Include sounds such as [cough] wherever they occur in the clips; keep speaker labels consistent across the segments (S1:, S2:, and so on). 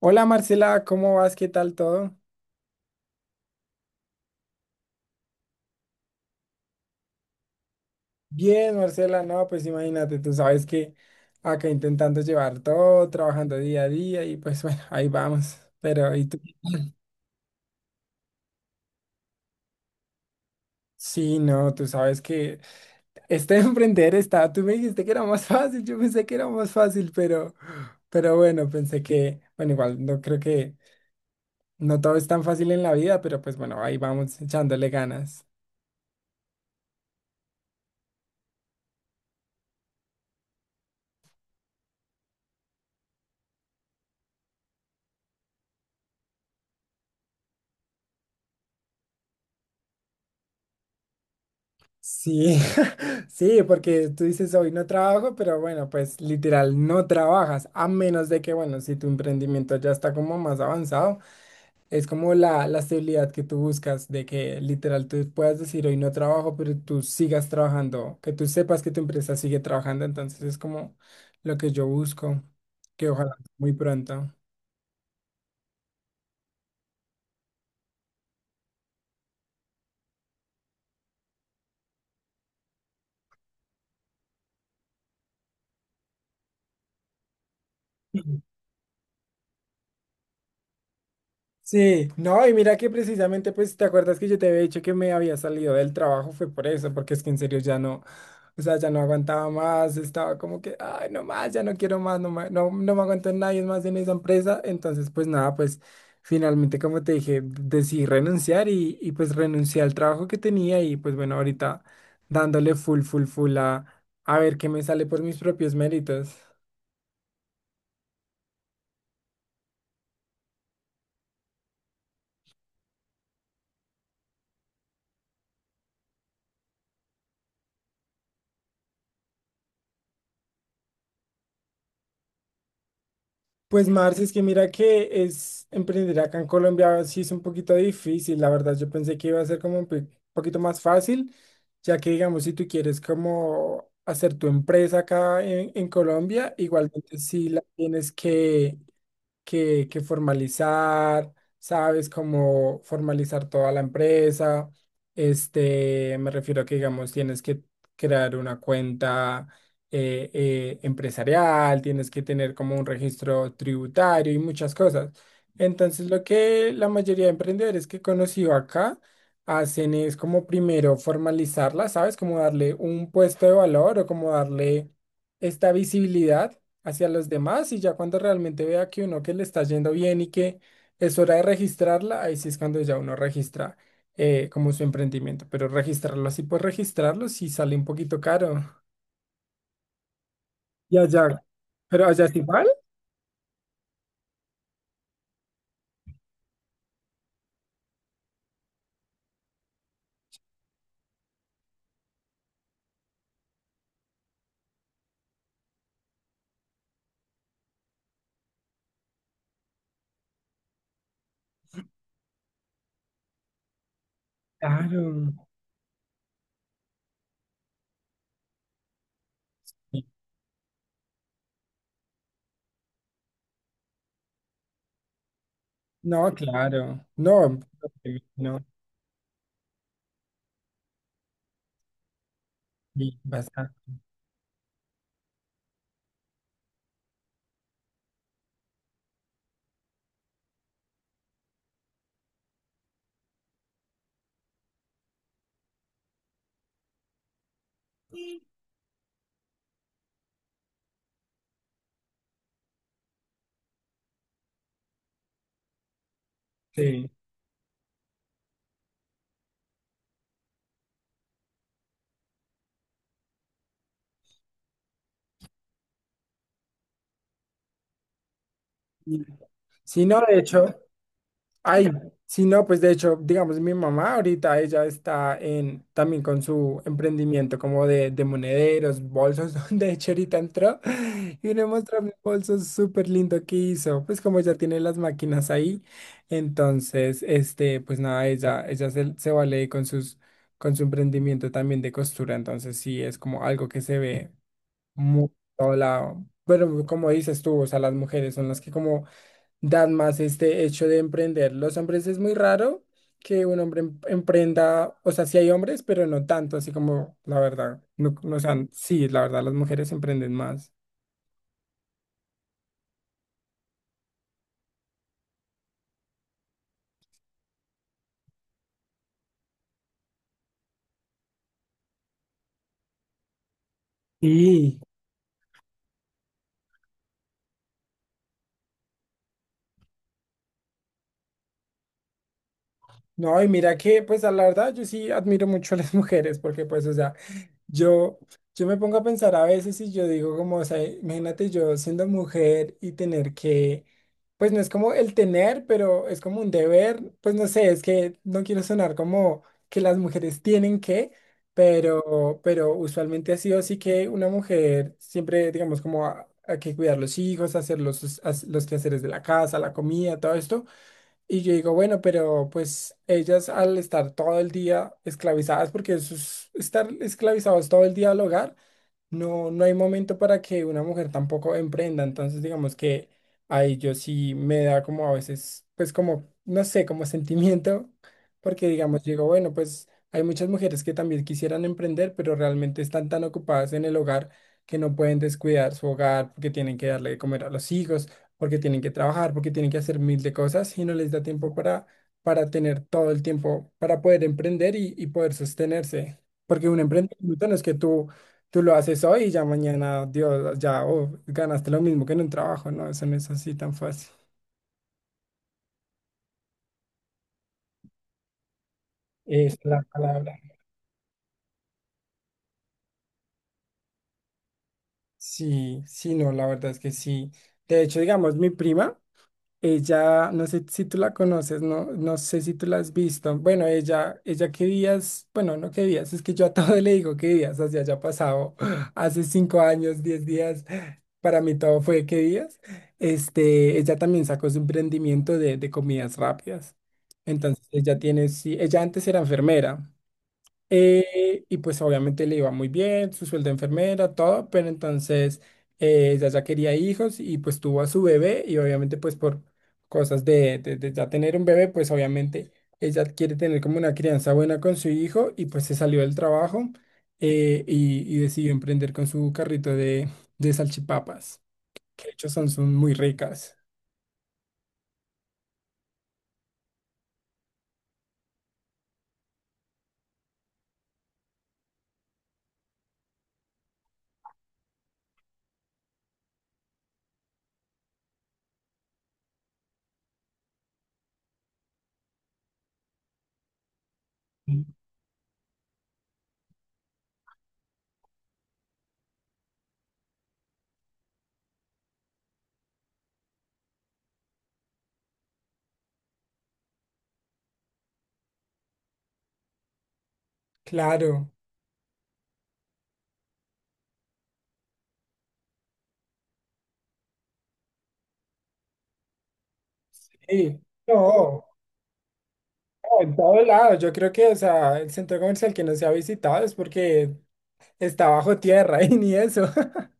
S1: Hola Marcela, ¿cómo vas? ¿Qué tal todo? Bien, Marcela, no, pues imagínate, tú sabes que acá intentando llevar todo, trabajando día a día y pues [laughs] bueno, ahí vamos. Pero, ¿y tú? Sí, no, tú sabes que este [laughs] emprender está, tú me dijiste que era más fácil, yo pensé que era más fácil, pero bueno, pensé que, bueno, igual no creo que no todo es tan fácil en la vida, pero pues bueno, ahí vamos echándole ganas. Sí, [laughs] sí, porque tú dices hoy no trabajo, pero bueno, pues literal no trabajas, a menos de que, bueno, si tu emprendimiento ya está como más avanzado, es como la estabilidad que tú buscas, de que literal tú puedas decir hoy no trabajo, pero tú sigas trabajando, que tú sepas que tu empresa sigue trabajando, entonces es como lo que yo busco, que ojalá muy pronto. Sí, no, y mira que precisamente, pues, ¿te acuerdas que yo te había dicho que me había salido del trabajo? Fue por eso, porque es que en serio ya no, o sea, ya no aguantaba más, estaba como que, ay, no más, ya no quiero más, no, no no me aguanto en nadie más en esa empresa. Entonces, pues nada, pues finalmente, como te dije, decidí renunciar y pues renuncié al trabajo que tenía y pues bueno, ahorita dándole full, full, full a ver qué me sale por mis propios méritos. Pues Marce, es que mira que es emprender acá en Colombia sí es un poquito difícil, la verdad. Yo pensé que iba a ser como un poquito más fácil, ya que digamos si tú quieres como hacer tu empresa acá en Colombia, igualmente sí la tienes que formalizar, ¿sabes? Como formalizar toda la empresa. Este, me refiero a que, digamos, tienes que crear una cuenta empresarial, tienes que tener como un registro tributario y muchas cosas. Entonces, lo que la mayoría de emprendedores que he conocido acá hacen es como primero formalizarla, ¿sabes? Como darle un puesto de valor o como darle esta visibilidad hacia los demás y ya cuando realmente vea que uno que le está yendo bien y que es hora de registrarla, ahí sí es cuando ya uno registra como su emprendimiento, pero registrarlo así por registrarlo sí sale un poquito caro. Y allá, pero allá es igual, claro. No, claro. No, no, sí, basta- Sí. Sí, no, de hecho, ay, sí, no, pues de hecho, digamos, mi mamá ahorita ella está en también con su emprendimiento como de monederos, bolsos, [laughs] donde de hecho ahorita entró y le mostró mi bolso súper lindo que hizo, pues como ya tiene las máquinas ahí, entonces, este, pues nada, ella se, se vale con sus, con su emprendimiento también de costura, entonces sí, es como algo que se ve muy por todo lado, pero como dices tú, o sea, las mujeres son las que como dan más este hecho de emprender. Los hombres es muy raro que un hombre emprenda, o sea, sí hay hombres, pero no tanto, así como la verdad, no, no, o sea, sí, la verdad, las mujeres emprenden más. Y no, y mira que, pues, a la verdad, yo sí admiro mucho a las [laughs] mujeres, porque, pues, o sea, Yo, yo me pongo a pensar a veces y yo digo como, o sea, imagínate yo siendo mujer y tener que, pues no es como el tener, pero es como un deber, pues no sé, es que no quiero sonar como que las mujeres tienen que, pero usualmente ha sido así que una mujer siempre, digamos, como hay que cuidar los hijos, hacer los, los quehaceres de la casa, la comida, todo esto. Y yo digo, bueno, pero pues ellas al estar todo el día esclavizadas, porque eso es estar esclavizados todo el día al hogar, no, no hay momento para que una mujer tampoco emprenda, entonces digamos que ahí yo sí me da como a veces, pues como, no sé, como [laughs] sentimiento, porque digamos, digo, bueno, pues hay muchas mujeres que también quisieran emprender, pero realmente están tan ocupadas en el hogar que no pueden descuidar su hogar, porque tienen que darle de comer a los hijos, porque tienen que trabajar, porque tienen que hacer mil de cosas y no les da tiempo para tener todo el tiempo para poder emprender y poder sostenerse, porque un emprendimiento no es que tú tú lo haces hoy y ya mañana, Dios, ya oh, ganaste lo mismo que en un trabajo, ¿no? Eso no es así tan fácil. Es la palabra. Sí, sí, no, la verdad es que sí. De hecho, digamos, mi prima. Ella, no sé si tú la conoces, no, no sé si tú la has visto. Bueno, ella que días, bueno, no que días, es que yo a todo le digo que días, o sea, ya ha pasado [gasps] [laughs] hace 5 años, 10 días, [gasps] para mí todo fue que días. Este, ella también sacó su emprendimiento de comidas rápidas. Entonces, ella tiene, sí, ella antes era enfermera, y pues obviamente le iba muy bien, su sueldo de enfermera, todo, pero entonces ella ya quería hijos y pues tuvo a su bebé y obviamente pues por cosas de, de ya tener un bebé, pues obviamente ella quiere tener como una crianza buena con su hijo y pues se salió del trabajo y decidió emprender con su carrito de salchipapas, que de hecho son, son muy ricas. Mm. Claro. Sí. No. En todo lado, yo creo que, o sea, el centro comercial que no se ha visitado es porque está bajo tierra [laughs] y ni eso. [laughs]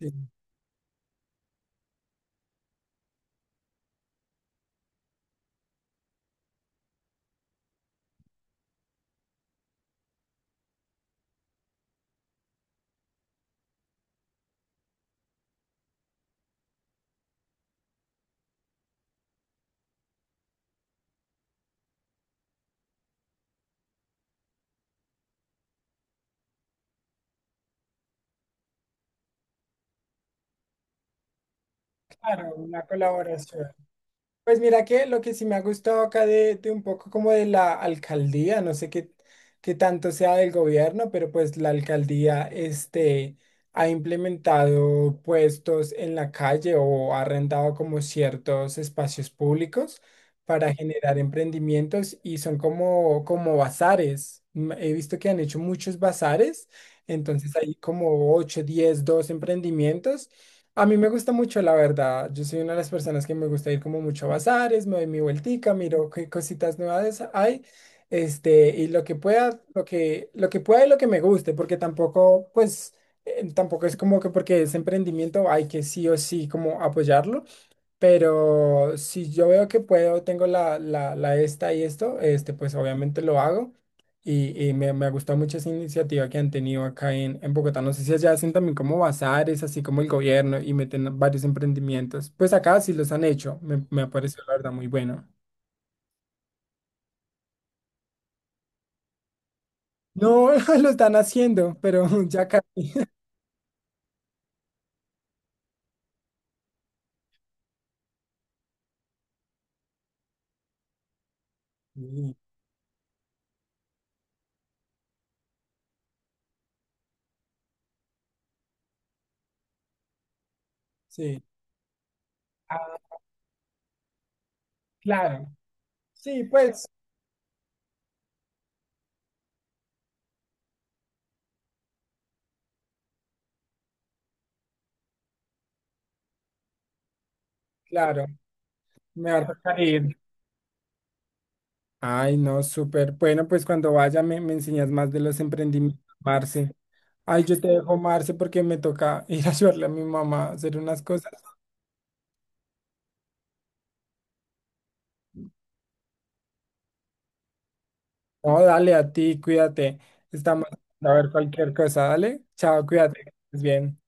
S1: Sí, claro, una colaboración. Pues mira que lo que sí me ha gustado acá de un poco como de la alcaldía, no sé qué, qué tanto sea del gobierno, pero pues la alcaldía este, ha implementado puestos en la calle o ha arrendado como ciertos espacios públicos para generar emprendimientos y son como, como bazares. Mm, he visto que han hecho muchos bazares, entonces hay como 8, 10, 2 emprendimientos a mí me gusta mucho, la verdad. Yo soy una de las personas que me gusta ir como mucho a bazares, me doy mi vueltica, miro qué cositas nuevas hay, este, y lo que pueda y lo que me guste, porque tampoco, pues, tampoco es como que porque es emprendimiento hay que sí o sí como apoyarlo. Pero si yo veo que puedo, tengo la, la, la esta y esto, este, pues obviamente lo hago. Y me, me ha gustado mucho esa iniciativa que han tenido acá en Bogotá. No sé si allá hacen también como bazares, así como el gobierno, y meten varios emprendimientos. Pues acá sí los han hecho. Me ha parecido la verdad muy bueno. No, [laughs] lo están haciendo, pero [laughs] ya casi. Sí. Sí. Ah, claro. Sí, pues, claro. Me va a tocar ir. Ay, no, súper. Bueno, pues cuando vaya me, me enseñas más de los emprendimientos, Marce. Ay, yo te dejo, Marce, porque me toca [laughs] ir a ayudarle a mi mamá a hacer unas cosas. No, dale a ti, cuídate. Estamos a ver cualquier cosa, dale. Chao, cuídate. Que estés bien.